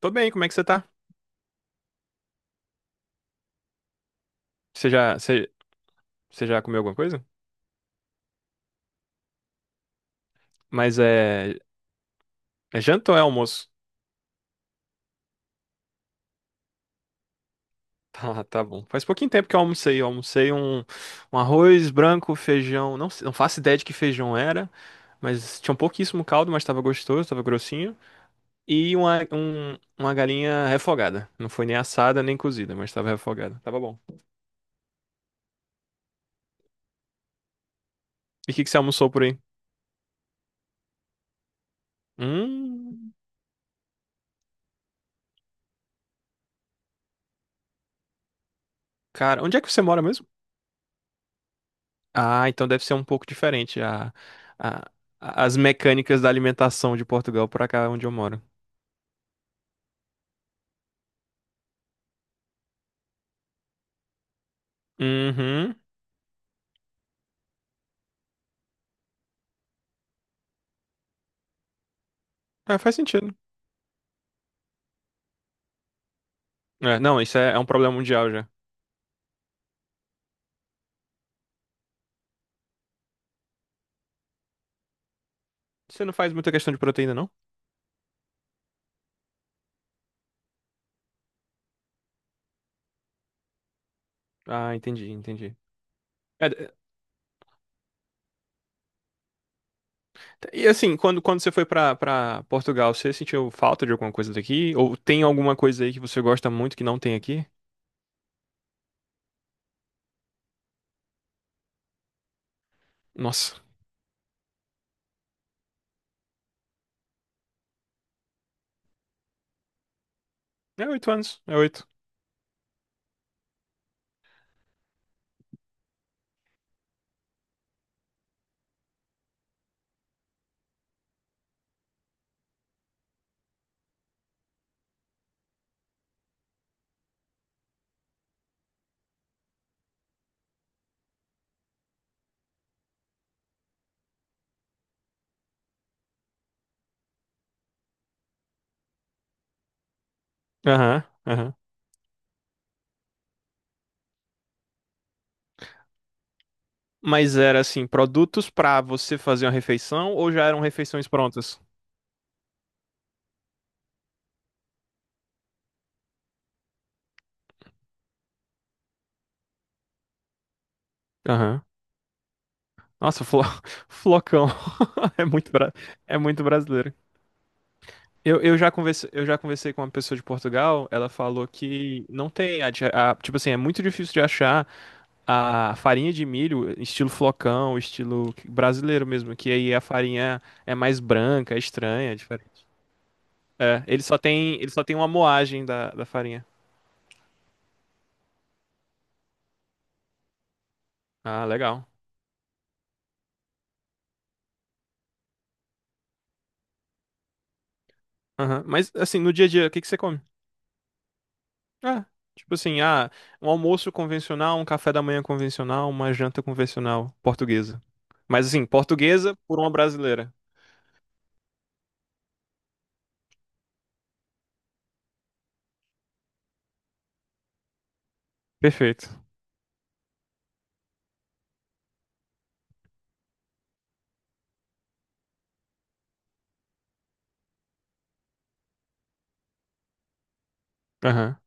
Tô bem, como é que você tá? Você já, você, você já comeu alguma coisa? Mas é, é janta ou é almoço? Tá bom. Faz pouquinho tempo que eu almocei. Um arroz branco, feijão. Não faço ideia de que feijão era, mas tinha um pouquíssimo caldo, mas tava gostoso, tava grossinho. Uma galinha refogada. Não foi nem assada nem cozida, mas tava refogada. Tava bom. E o que que você almoçou por aí? Hum, cara, onde é que você mora mesmo? Ah, então deve ser um pouco diferente a- as mecânicas da alimentação de Portugal para cá onde eu moro. Uhum. É, faz sentido. Não, isso é um problema mundial já. Você não faz muita questão de proteína, não? Ah, entendi. É, d- e assim, quando você foi pra para Portugal, você sentiu falta de alguma coisa daqui? Ou tem alguma coisa aí que você gosta muito que não tem aqui? Nossa, é 8. Aham, aham. Mas era assim, produtos pra você fazer uma refeição ou já eram refeições prontas? Aham. Nossa, flo... flocão. É muito, bra... é muito brasileiro. Eu já conversei com uma pessoa de Portugal, ela falou que não tem, tipo assim, é muito difícil de achar a farinha de milho estilo flocão, estilo brasileiro mesmo, que aí a farinha é mais branca, é estranha, é diferente. Ele só tem uma moagem da farinha. Ah, legal. Aham. Mas assim, no dia a dia, o que que você come? É, tipo assim, ah, um almoço convencional, um café da manhã convencional, uma janta convencional portuguesa. Mas assim, portuguesa por uma brasileira. Perfeito. Aham.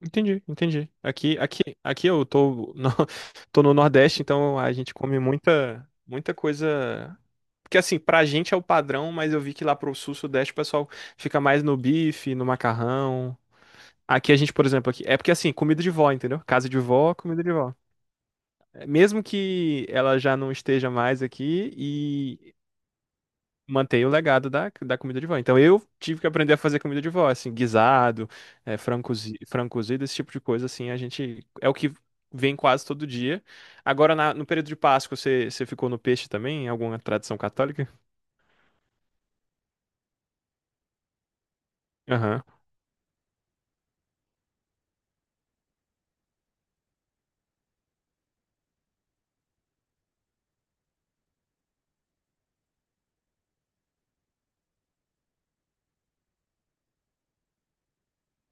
Entendi, entendi. Aqui eu tô no, tô no Nordeste, então a gente come muita, muita coisa. Porque assim, pra gente é o padrão, mas eu vi que lá pro Sul, Sudeste, o pessoal fica mais no bife, no macarrão. Aqui a gente, por exemplo, aqui, é porque assim, comida de vó, entendeu? Casa de vó, comida de vó. Mesmo que ela já não esteja mais aqui e manter o legado da comida de vó. Então eu tive que aprender a fazer comida de vó, assim, guisado, é, frango cozido, esse tipo de coisa, assim, a gente é o que vem quase todo dia. Agora, no período de Páscoa, você ficou no peixe também? Em alguma tradição católica? Aham,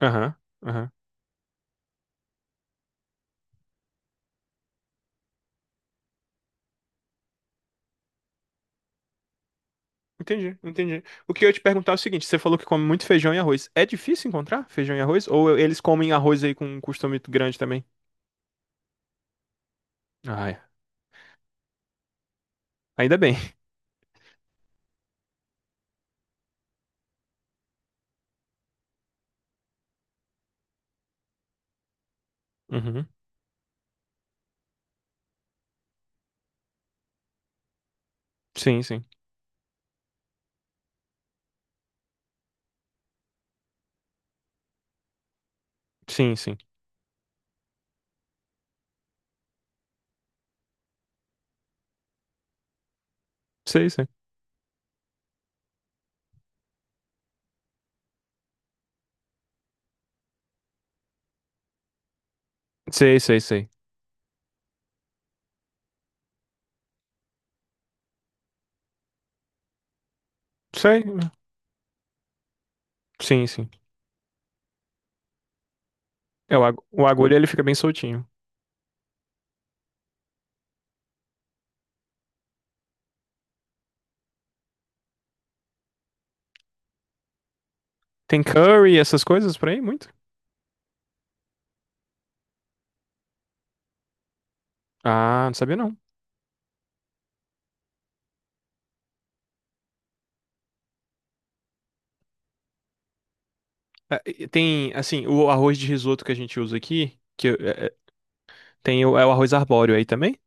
aham, aham. Entendi, entendi. O que eu ia te perguntar é o seguinte, você falou que come muito feijão e arroz. É difícil encontrar feijão e arroz? Ou eles comem arroz aí com um costume grande também? Ah, é. Ainda bem. Uhum. Sim, sim. Sim, sim. Sei, sei. Sei, sei, sei. Sei. Sim, sim. O agulha ele fica bem soltinho. Tem curry, essas coisas por aí? Muito? Ah, não sabia não. É, e tem, assim, o arroz de risoto que a gente usa aqui, tem o, é o arroz arbóreo aí também?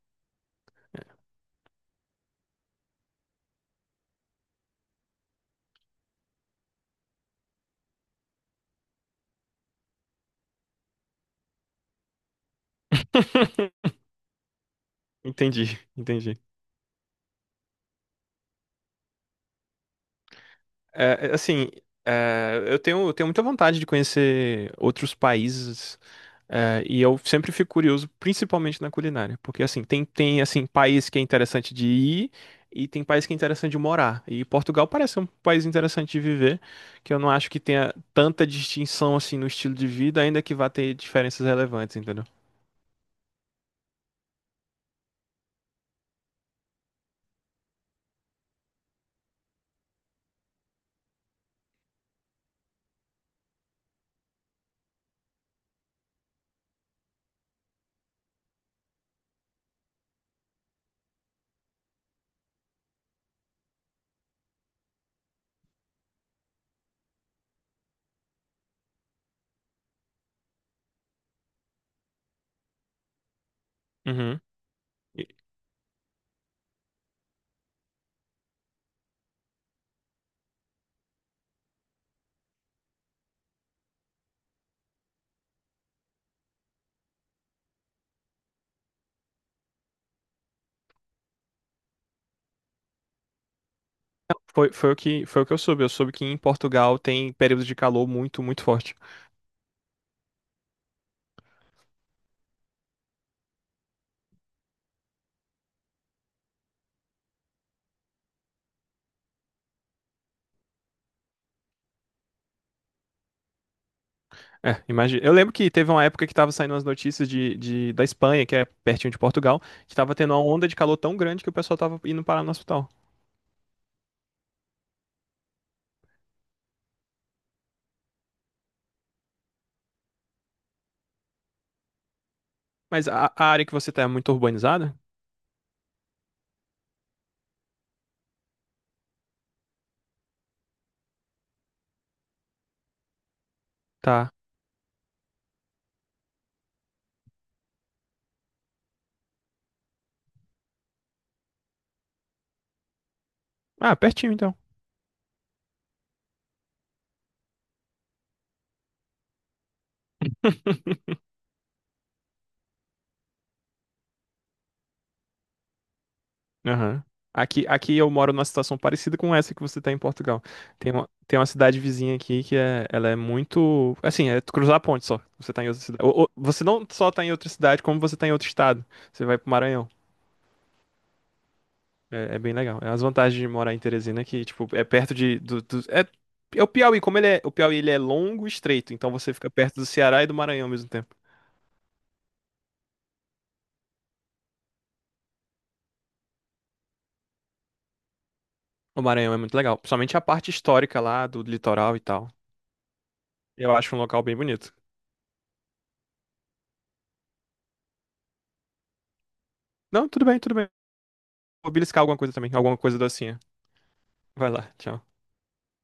Entendi, entendi. É, é, assim, eu tenho, muita vontade de conhecer outros países. É, e eu sempre fico curioso, principalmente na culinária, porque assim, tem assim, país que é interessante de ir e tem país que é interessante de morar. E Portugal parece um país interessante de viver, que eu não acho que tenha tanta distinção assim no estilo de vida, ainda que vá ter diferenças relevantes, entendeu? Uhum. E foi, foi o que eu soube. Eu soube que em Portugal tem períodos de calor muito, muito forte. É, imagina. Eu lembro que teve uma época que tava saindo as notícias da Espanha, que é pertinho de Portugal, que tava tendo uma onda de calor tão grande que o pessoal tava indo parar no hospital. Mas a área que você tá é muito urbanizada? Tá. Ah, pertinho então. Aham. Aqui eu moro numa situação parecida com essa que você tá em Portugal. Tem uma cidade vizinha aqui que é, ela é muito. Assim, é tu cruzar a ponte só. Você tá em outra cidade. Você não só tá em outra cidade, como você tá em outro estado. Você vai pro Maranhão. É, é bem legal. É as vantagens de morar em Teresina que, tipo, é perto de. É o Piauí, como ele é. O Piauí ele é longo e estreito, então você fica perto do Ceará e do Maranhão ao mesmo tempo. O Maranhão é muito legal. Principalmente a parte histórica lá do litoral e tal. Eu acho um local bem bonito. Não, tudo bem, tudo bem. Vou beliscar alguma coisa também. Alguma coisa docinha. Vai lá, tchau.